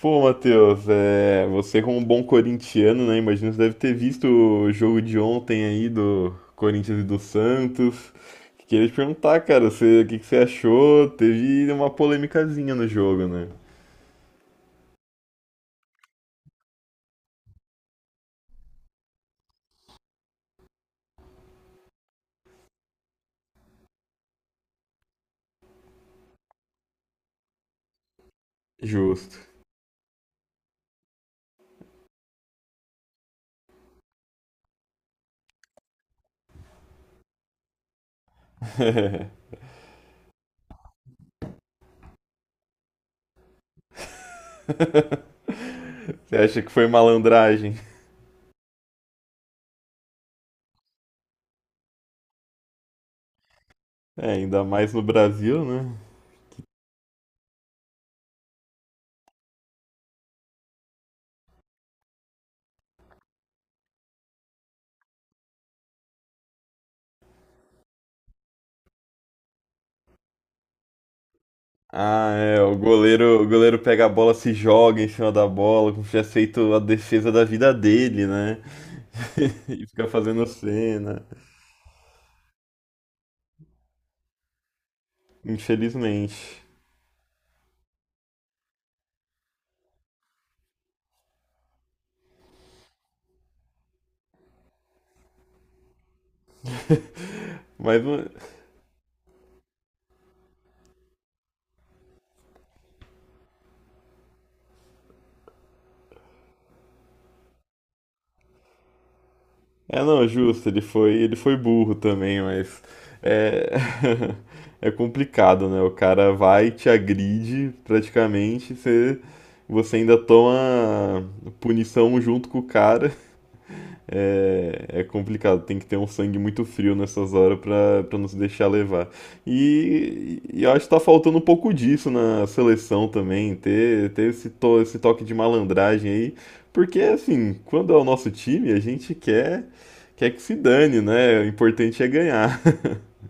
Pô, Matheus, você como um bom corintiano, né? Imagino que você deve ter visto o jogo de ontem aí do Corinthians e do Santos. Queria te perguntar, cara, o que que você achou? Teve uma polêmicazinha no jogo, né? Justo. Você acha que foi malandragem? É, ainda mais no Brasil, né? Ah, é, o goleiro pega a bola, se joga em cima da bola, como se tivesse feito a defesa da vida dele, né? E fica fazendo cena, infelizmente. Mas não- é não, é justo, ele foi burro também, mas é é complicado, né? O cara vai, te agride praticamente, você ainda toma punição junto com o cara. É, é complicado, tem que ter um sangue muito frio nessas horas pra, pra não se deixar levar. E eu acho que tá faltando um pouco disso na seleção também, ter esse, esse toque de malandragem aí, porque assim, quando é o nosso time, a gente quer, quer que se dane, né? O importante é ganhar.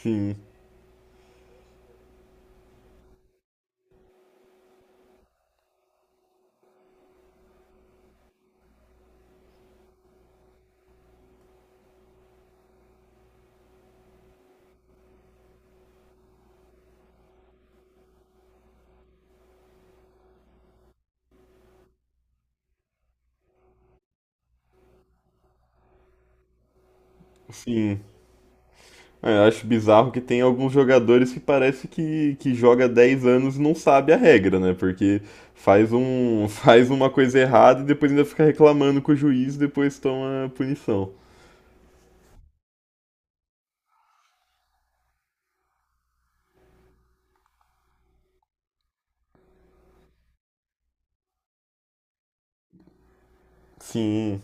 Sim, sim. É, eu acho bizarro que tem alguns jogadores que parece que joga 10 anos e não sabe a regra, né? Porque faz um, faz uma coisa errada e depois ainda fica reclamando com o juiz e depois toma punição. Sim.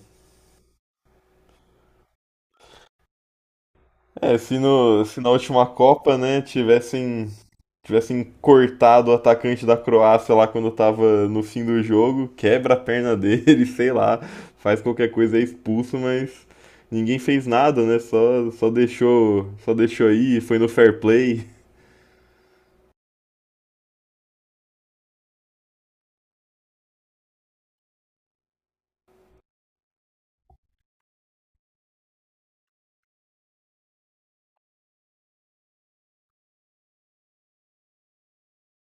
É, se na última Copa, né, tivessem cortado o atacante da Croácia lá quando tava no fim do jogo, quebra a perna dele, sei lá, faz qualquer coisa, é expulso, mas ninguém fez nada, né? Só deixou aí, foi no fair play,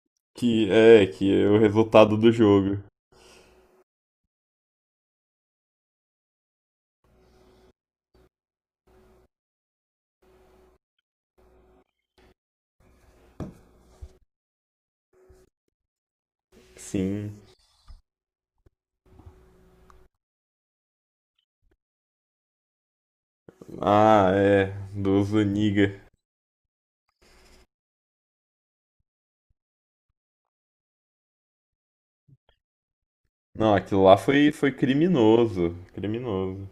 que é o resultado do jogo. Sim. Ah, é, do Zuniga. Não, foi criminoso, criminoso.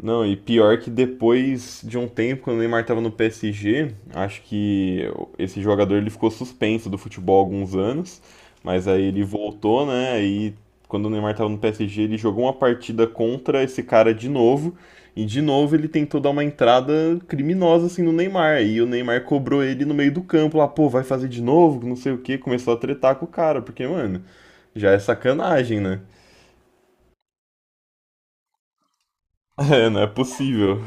Não, e pior que depois de um tempo, quando o Neymar estava no PSG, acho que esse jogador ele ficou suspenso do futebol há alguns anos, mas aí ele voltou, né? E quando o Neymar estava no PSG, ele jogou uma partida contra esse cara de novo, e de novo ele tentou dar uma entrada criminosa assim no Neymar, e o Neymar cobrou ele no meio do campo, lá, pô, vai fazer de novo, não sei o quê, começou a tretar com o cara, porque, mano, já é sacanagem, né? É, não é possível.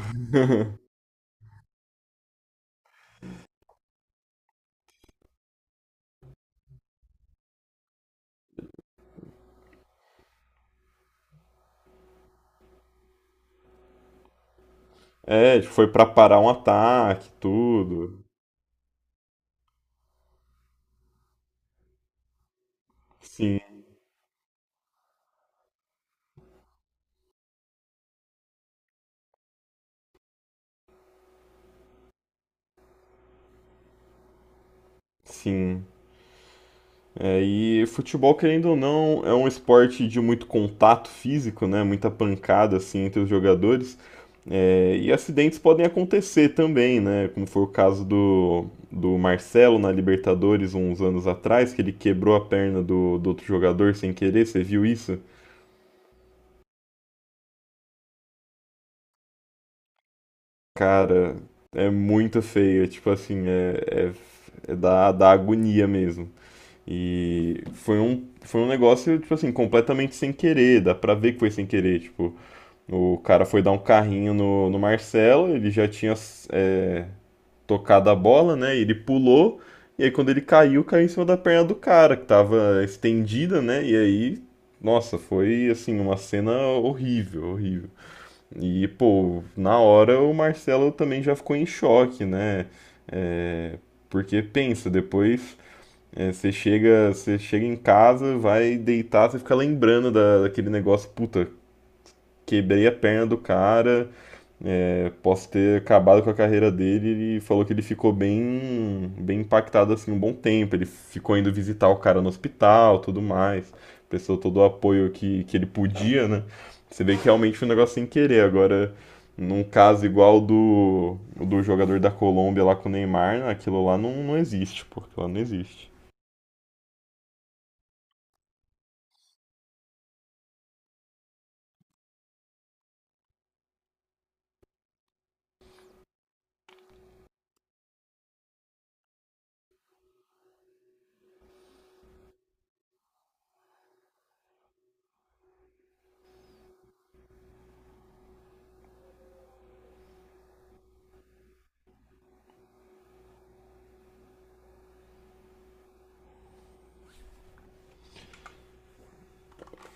É, tipo, foi pra parar um ataque, tudo. Sim, sim. É, e futebol, querendo ou não, é um esporte de muito contato físico, né? Muita pancada assim entre os jogadores. É, e acidentes podem acontecer também, né? Como foi o caso do, do Marcelo na Libertadores uns anos atrás, que ele quebrou a perna do, do outro jogador sem querer, você viu isso? Cara, é muito feio. É, tipo assim, é da, da agonia mesmo. E foi um negócio, tipo assim, completamente sem querer, dá pra ver que foi sem querer, tipo, o cara foi dar um carrinho no, no Marcelo, ele já tinha é, tocado a bola, né, e ele pulou, e aí quando ele caiu, caiu em cima da perna do cara, que tava estendida, né, e aí, nossa, foi, assim, uma cena horrível, horrível. E, pô, na hora o Marcelo também já ficou em choque, né, é, porque pensa, depois você chega em casa, vai deitar, você fica lembrando da, daquele negócio, puta, quebrei a perna do cara, posso ter acabado com a carreira dele. Ele falou que ele ficou bem, bem impactado assim um bom tempo. Ele ficou indo visitar o cara no hospital, tudo mais. Prestou todo o apoio que ele podia, né? Você vê que realmente foi um negócio sem querer. Agora, num caso igual do, do jogador da Colômbia lá com o Neymar, né, aquilo lá não, não existe, porque lá não existe.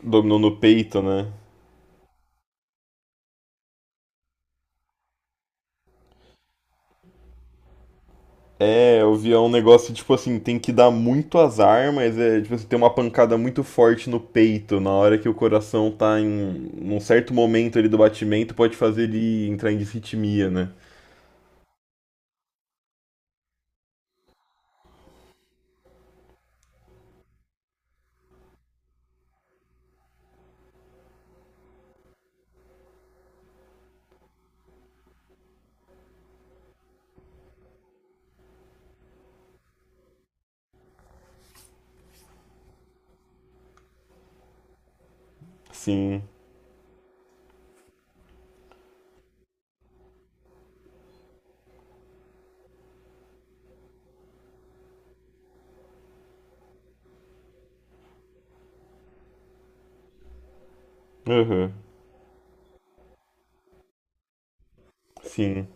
Dominou no peito, né? É, eu via um negócio tipo assim, tem que dar muito azar, mas é tipo assim, tem uma pancada muito forte no peito, na hora que o coração tá em num certo momento ali do batimento, pode fazer ele entrar em disritmia, né? Sim. Aham. Sim.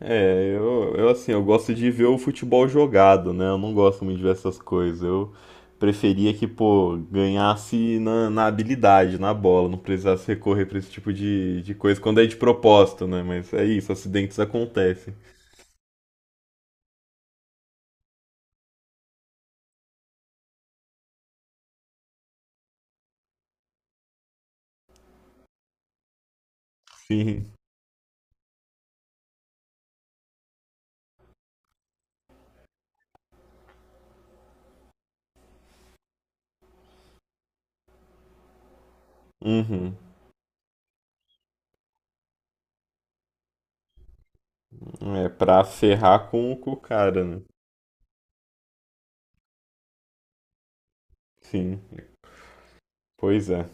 É, eu assim, eu gosto de ver o futebol jogado, né? Eu não gosto muito de ver essas coisas. Eu preferia que, pô, ganhasse na, na habilidade, na bola, não precisasse recorrer pra esse tipo de coisa quando é de propósito, né? Mas é isso, acidentes acontecem. Sim. Uhum. É pra ferrar com o cara, né? Sim. Pois é.